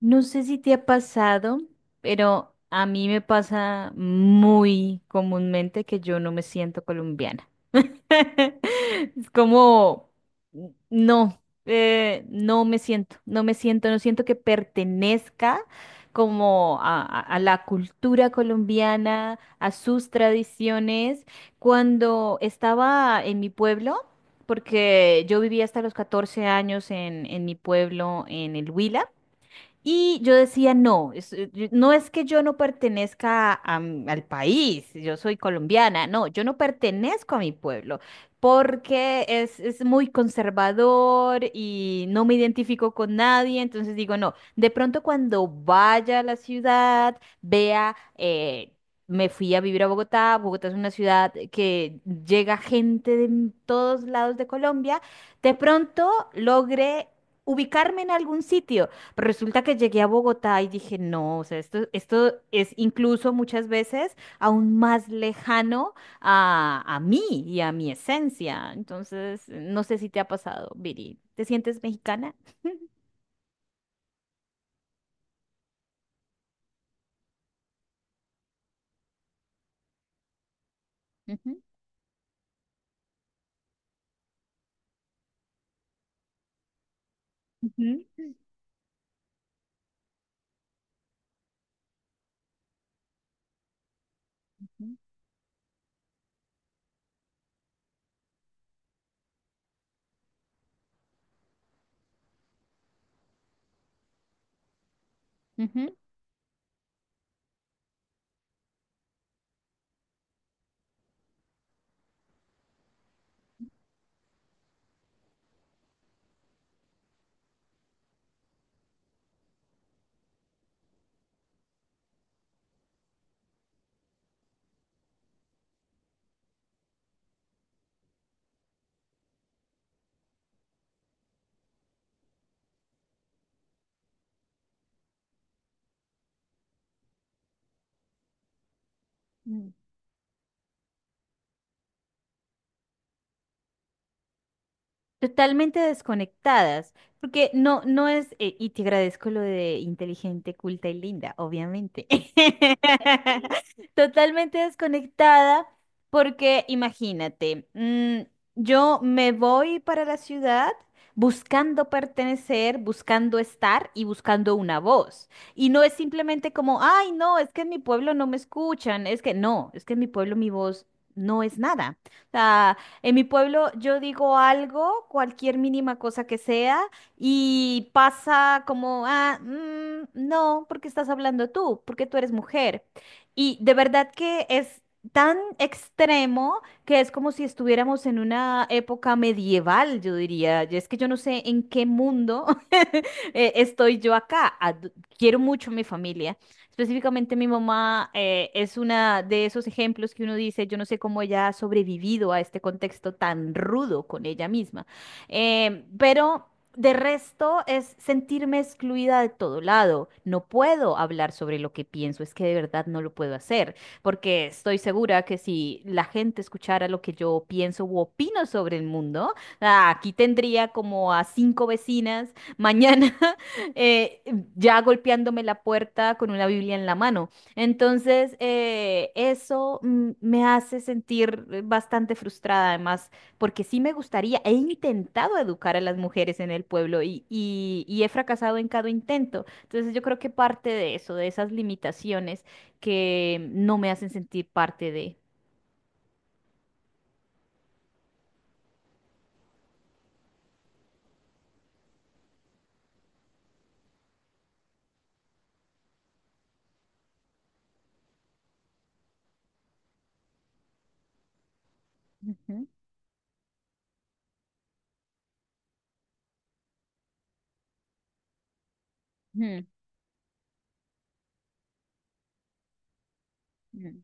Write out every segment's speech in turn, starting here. No sé si te ha pasado, pero a mí me pasa muy comúnmente que yo no me siento colombiana. Es como, no, no siento que pertenezca como a la cultura colombiana, a sus tradiciones. Cuando estaba en mi pueblo, porque yo vivía hasta los 14 años en mi pueblo, en el Huila, y yo decía, no, no es que yo no pertenezca al país, yo soy colombiana, no, yo no pertenezco a mi pueblo porque es muy conservador y no me identifico con nadie, entonces digo, no, de pronto cuando vaya a la ciudad, vea, me fui a vivir a Bogotá. Bogotá es una ciudad que llega gente todos lados de Colombia, de pronto logré ubicarme en algún sitio. Pero resulta que llegué a Bogotá y dije, no, o sea, esto es incluso muchas veces aún más lejano a mí y a mi esencia. Entonces, no sé si te ha pasado, Viri. ¿Te sientes mexicana? Ujú. Ujú. Ujú. Ujú. Totalmente desconectadas, porque no, no es, y te agradezco lo de inteligente, culta y linda, obviamente. Totalmente desconectada, porque imagínate, yo me voy para la ciudad buscando pertenecer, buscando estar y buscando una voz. Y no es simplemente como, ay, no, es que en mi pueblo no me escuchan, es que no, es que en mi pueblo mi voz no es nada. En mi pueblo yo digo algo, cualquier mínima cosa que sea, y pasa como, ah, no, porque estás hablando tú, porque tú eres mujer. Y de verdad que es tan extremo que es como si estuviéramos en una época medieval, yo diría. Y es que yo no sé en qué mundo estoy yo acá. Quiero mucho a mi familia, específicamente mi mamá es una de esos ejemplos que uno dice, yo no sé cómo ella ha sobrevivido a este contexto tan rudo con ella misma. Pero de resto es sentirme excluida de todo lado. No puedo hablar sobre lo que pienso, es que de verdad no lo puedo hacer, porque estoy segura que si la gente escuchara lo que yo pienso u opino sobre el mundo, aquí tendría como a cinco vecinas mañana. eh, ya golpeándome la puerta con una Biblia en la mano. Entonces, eso me hace sentir bastante frustrada, además, porque sí me gustaría, he intentado educar a las mujeres en el pueblo y he fracasado en cada intento. Entonces, yo creo que parte de eso, de esas limitaciones que no me hacen sentir parte de... Ujú, ujú, ujú,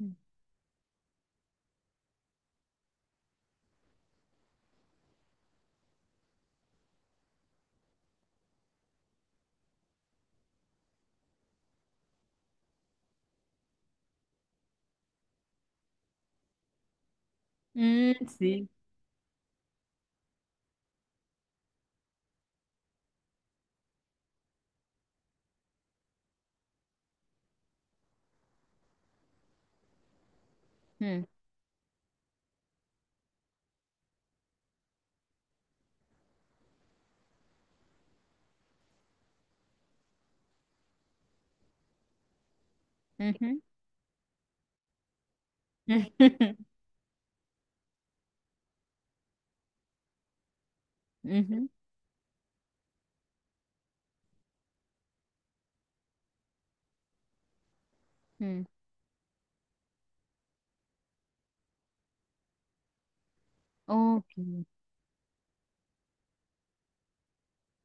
ujú. Mm, sí. Mm, ujú. Ujú, ujú, mm. Ok.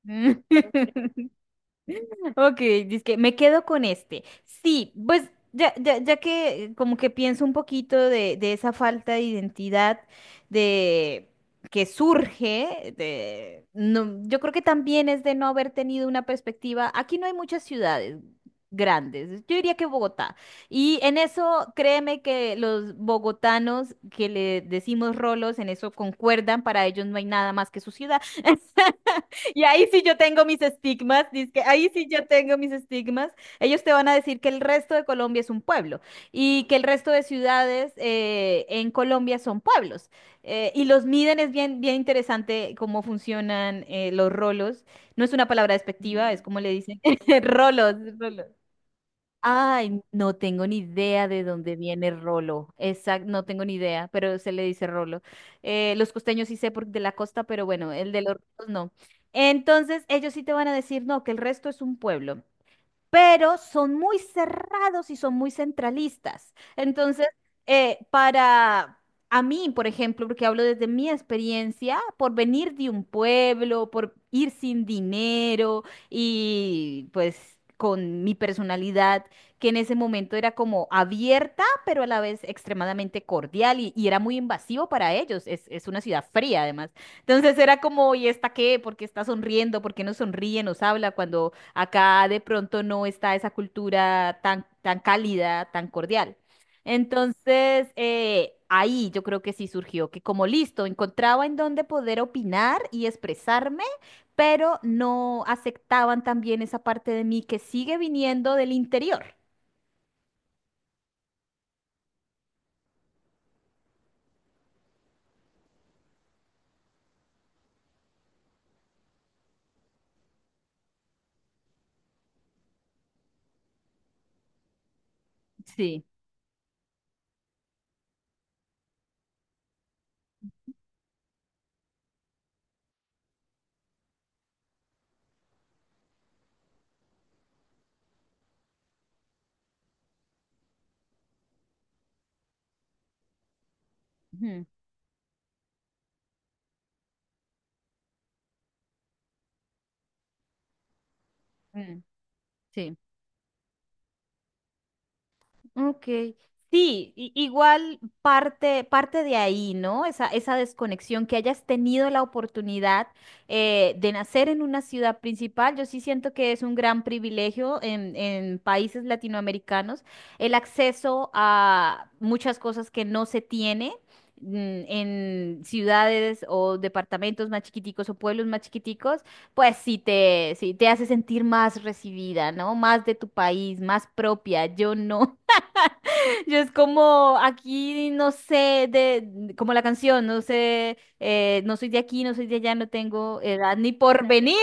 Mm. Ok, que me quedo con este. Sí, pues ya que como que pienso un poquito de esa falta de identidad de que surge de no, yo creo que también es de no haber tenido una perspectiva. Aquí no hay muchas ciudades grandes. Yo diría que Bogotá. Y en eso, créeme que los bogotanos, que le decimos rolos, en eso concuerdan: para ellos no hay nada más que su ciudad. Y ahí sí yo tengo mis estigmas, dizque, ahí sí yo tengo mis estigmas. Ellos te van a decir que el resto de Colombia es un pueblo y que el resto de ciudades en Colombia son pueblos. Y los miden, es bien, bien interesante cómo funcionan los rolos. No es una palabra despectiva, es como le dicen, rolos, rolos. Ay, no tengo ni idea de dónde viene rolo. Exacto, no tengo ni idea, pero se le dice rolo. Los costeños sí sé por, de la costa, pero bueno, el de los rolos no. Entonces, ellos sí te van a decir, no, que el resto es un pueblo, pero son muy cerrados y son muy centralistas. Entonces, para a mí, por ejemplo, porque hablo desde mi experiencia, por venir de un pueblo, por ir sin dinero y pues con mi personalidad, que en ese momento era como abierta, pero a la vez extremadamente cordial y era muy invasivo para ellos. Es una ciudad fría, además. Entonces era como, ¿y esta qué? ¿Por qué está sonriendo? ¿Por qué no sonríe? ¿Nos habla cuando? Acá de pronto no está esa cultura tan, tan cálida, tan cordial. Entonces, ahí yo creo que sí surgió, que como listo, encontraba en dónde poder opinar y expresarme, pero no aceptaban también esa parte de mí que sigue viniendo del interior. Sí. Ujú, mm, sí. Ok. Sí, igual parte de ahí, ¿no? Esa desconexión, que hayas tenido la oportunidad de nacer en una ciudad principal, yo sí siento que es un gran privilegio en países latinoamericanos, el acceso a muchas cosas que no se tiene. mm, en ciudades o departamentos más chiquiticos o pueblos más chiquiticos, pues sí te hace sentir más recibida, ¿no? Más de tu país, más propia. Yo no. Yo es como aquí, no sé, como la canción, no sé, no soy de aquí, no soy de allá, no tengo edad ni porvenir.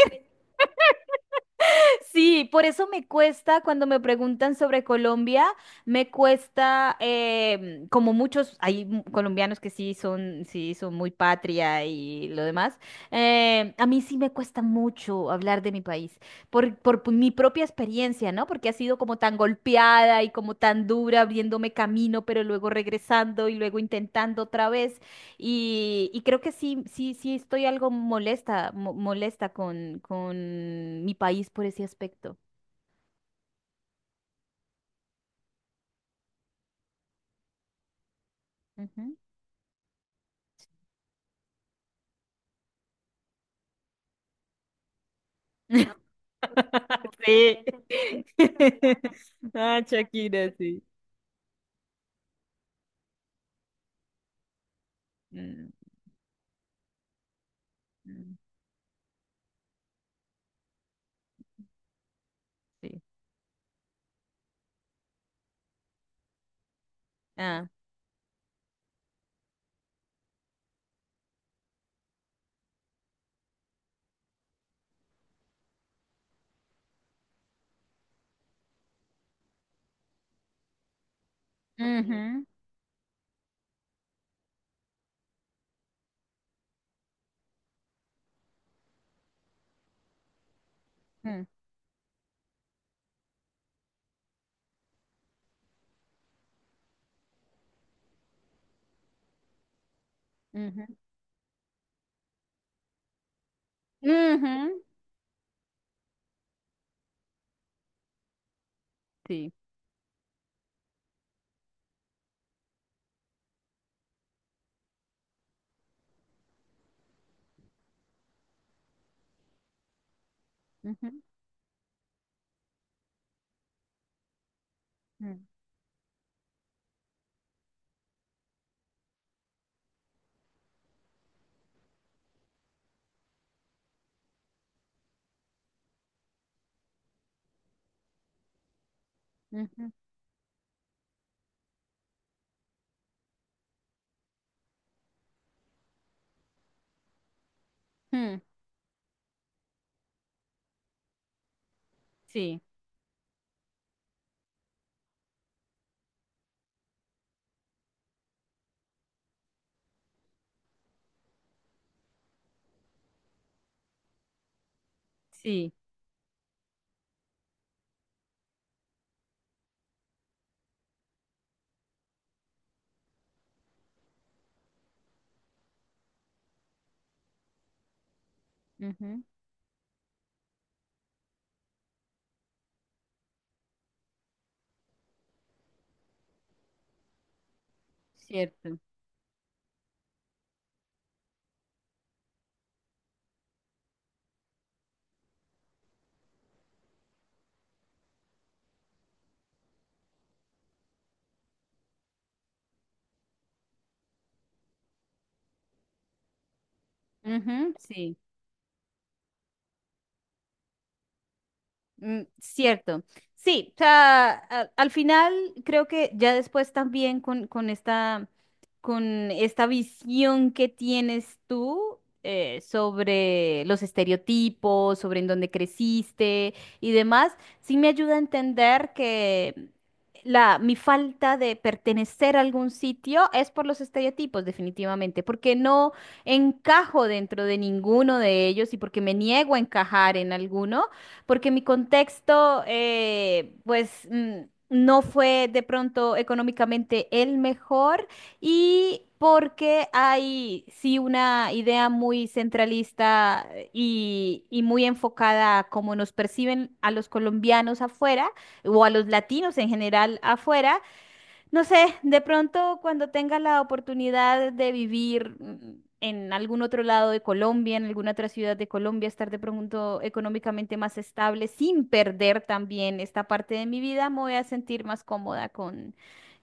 Sí, por eso me cuesta cuando me preguntan sobre Colombia. Me cuesta, como muchos, hay colombianos que sí son muy patria y lo demás. A mí sí me cuesta mucho hablar de mi país, por mi propia experiencia, ¿no? Porque ha sido como tan golpeada y como tan dura, abriéndome camino, pero luego regresando y luego intentando otra vez. Y creo que sí estoy algo molesta, molesta con mi país por ese aspecto. Ujú. Sí. Ah, Shakira, sí. Mm, mm, sí. Ah. Ujú, mm, ujú, ujú, sí. Ujú, mm, ujú, mm, sí. Sí. Ujú, cierto. Ujú, sí. Mm, cierto. Sí, o sea, al final creo que ya después también con esta visión que tienes tú sobre los estereotipos, sobre en dónde creciste y demás, sí me ayuda a entender que mi falta de pertenecer a algún sitio es por los estereotipos, definitivamente, porque no encajo dentro de ninguno de ellos y porque me niego a encajar en alguno porque mi contexto, pues, no fue de pronto económicamente el mejor, y porque hay, sí, una idea muy centralista y muy enfocada a cómo nos perciben a los colombianos afuera o a los latinos en general afuera. No sé, de pronto cuando tenga la oportunidad de vivir en algún otro lado de Colombia, en alguna otra ciudad de Colombia, estar de pronto económicamente más estable, sin perder también esta parte de mi vida, me voy a sentir más cómoda con,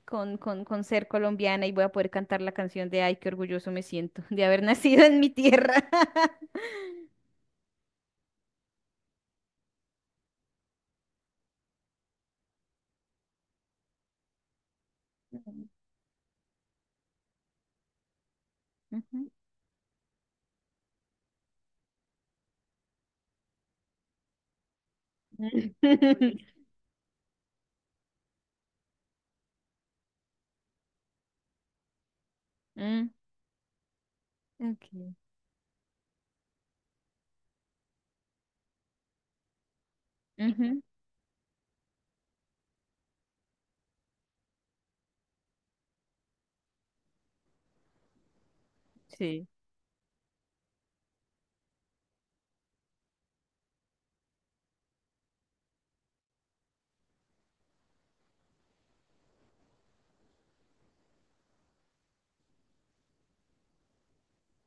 con, con, con ser colombiana y voy a poder cantar la canción de ay, qué orgulloso me siento de haber nacido en mi tierra. Ujú. Mm, ok. Ujú, sí.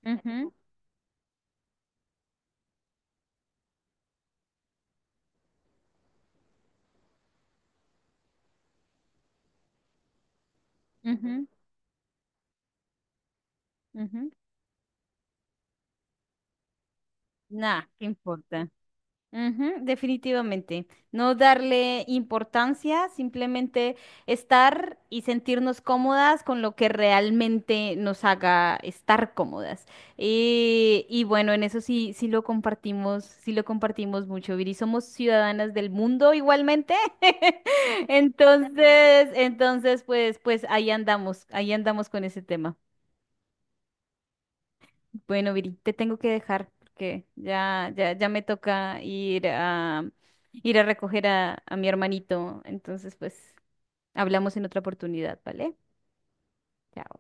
Ujú, ujú, ujú. Nah, ¿qué importa? Ujú, definitivamente. No darle importancia, simplemente estar y sentirnos cómodas con lo que realmente nos haga estar cómodas. Y bueno, en eso sí, sí lo compartimos mucho, Viri. Somos ciudadanas del mundo igualmente. Entonces, pues ahí andamos con ese tema. Bueno, Viri, te tengo que dejar porque ya me toca ir a recoger a mi hermanito. Entonces, pues, hablamos en otra oportunidad, ¿vale? Chao.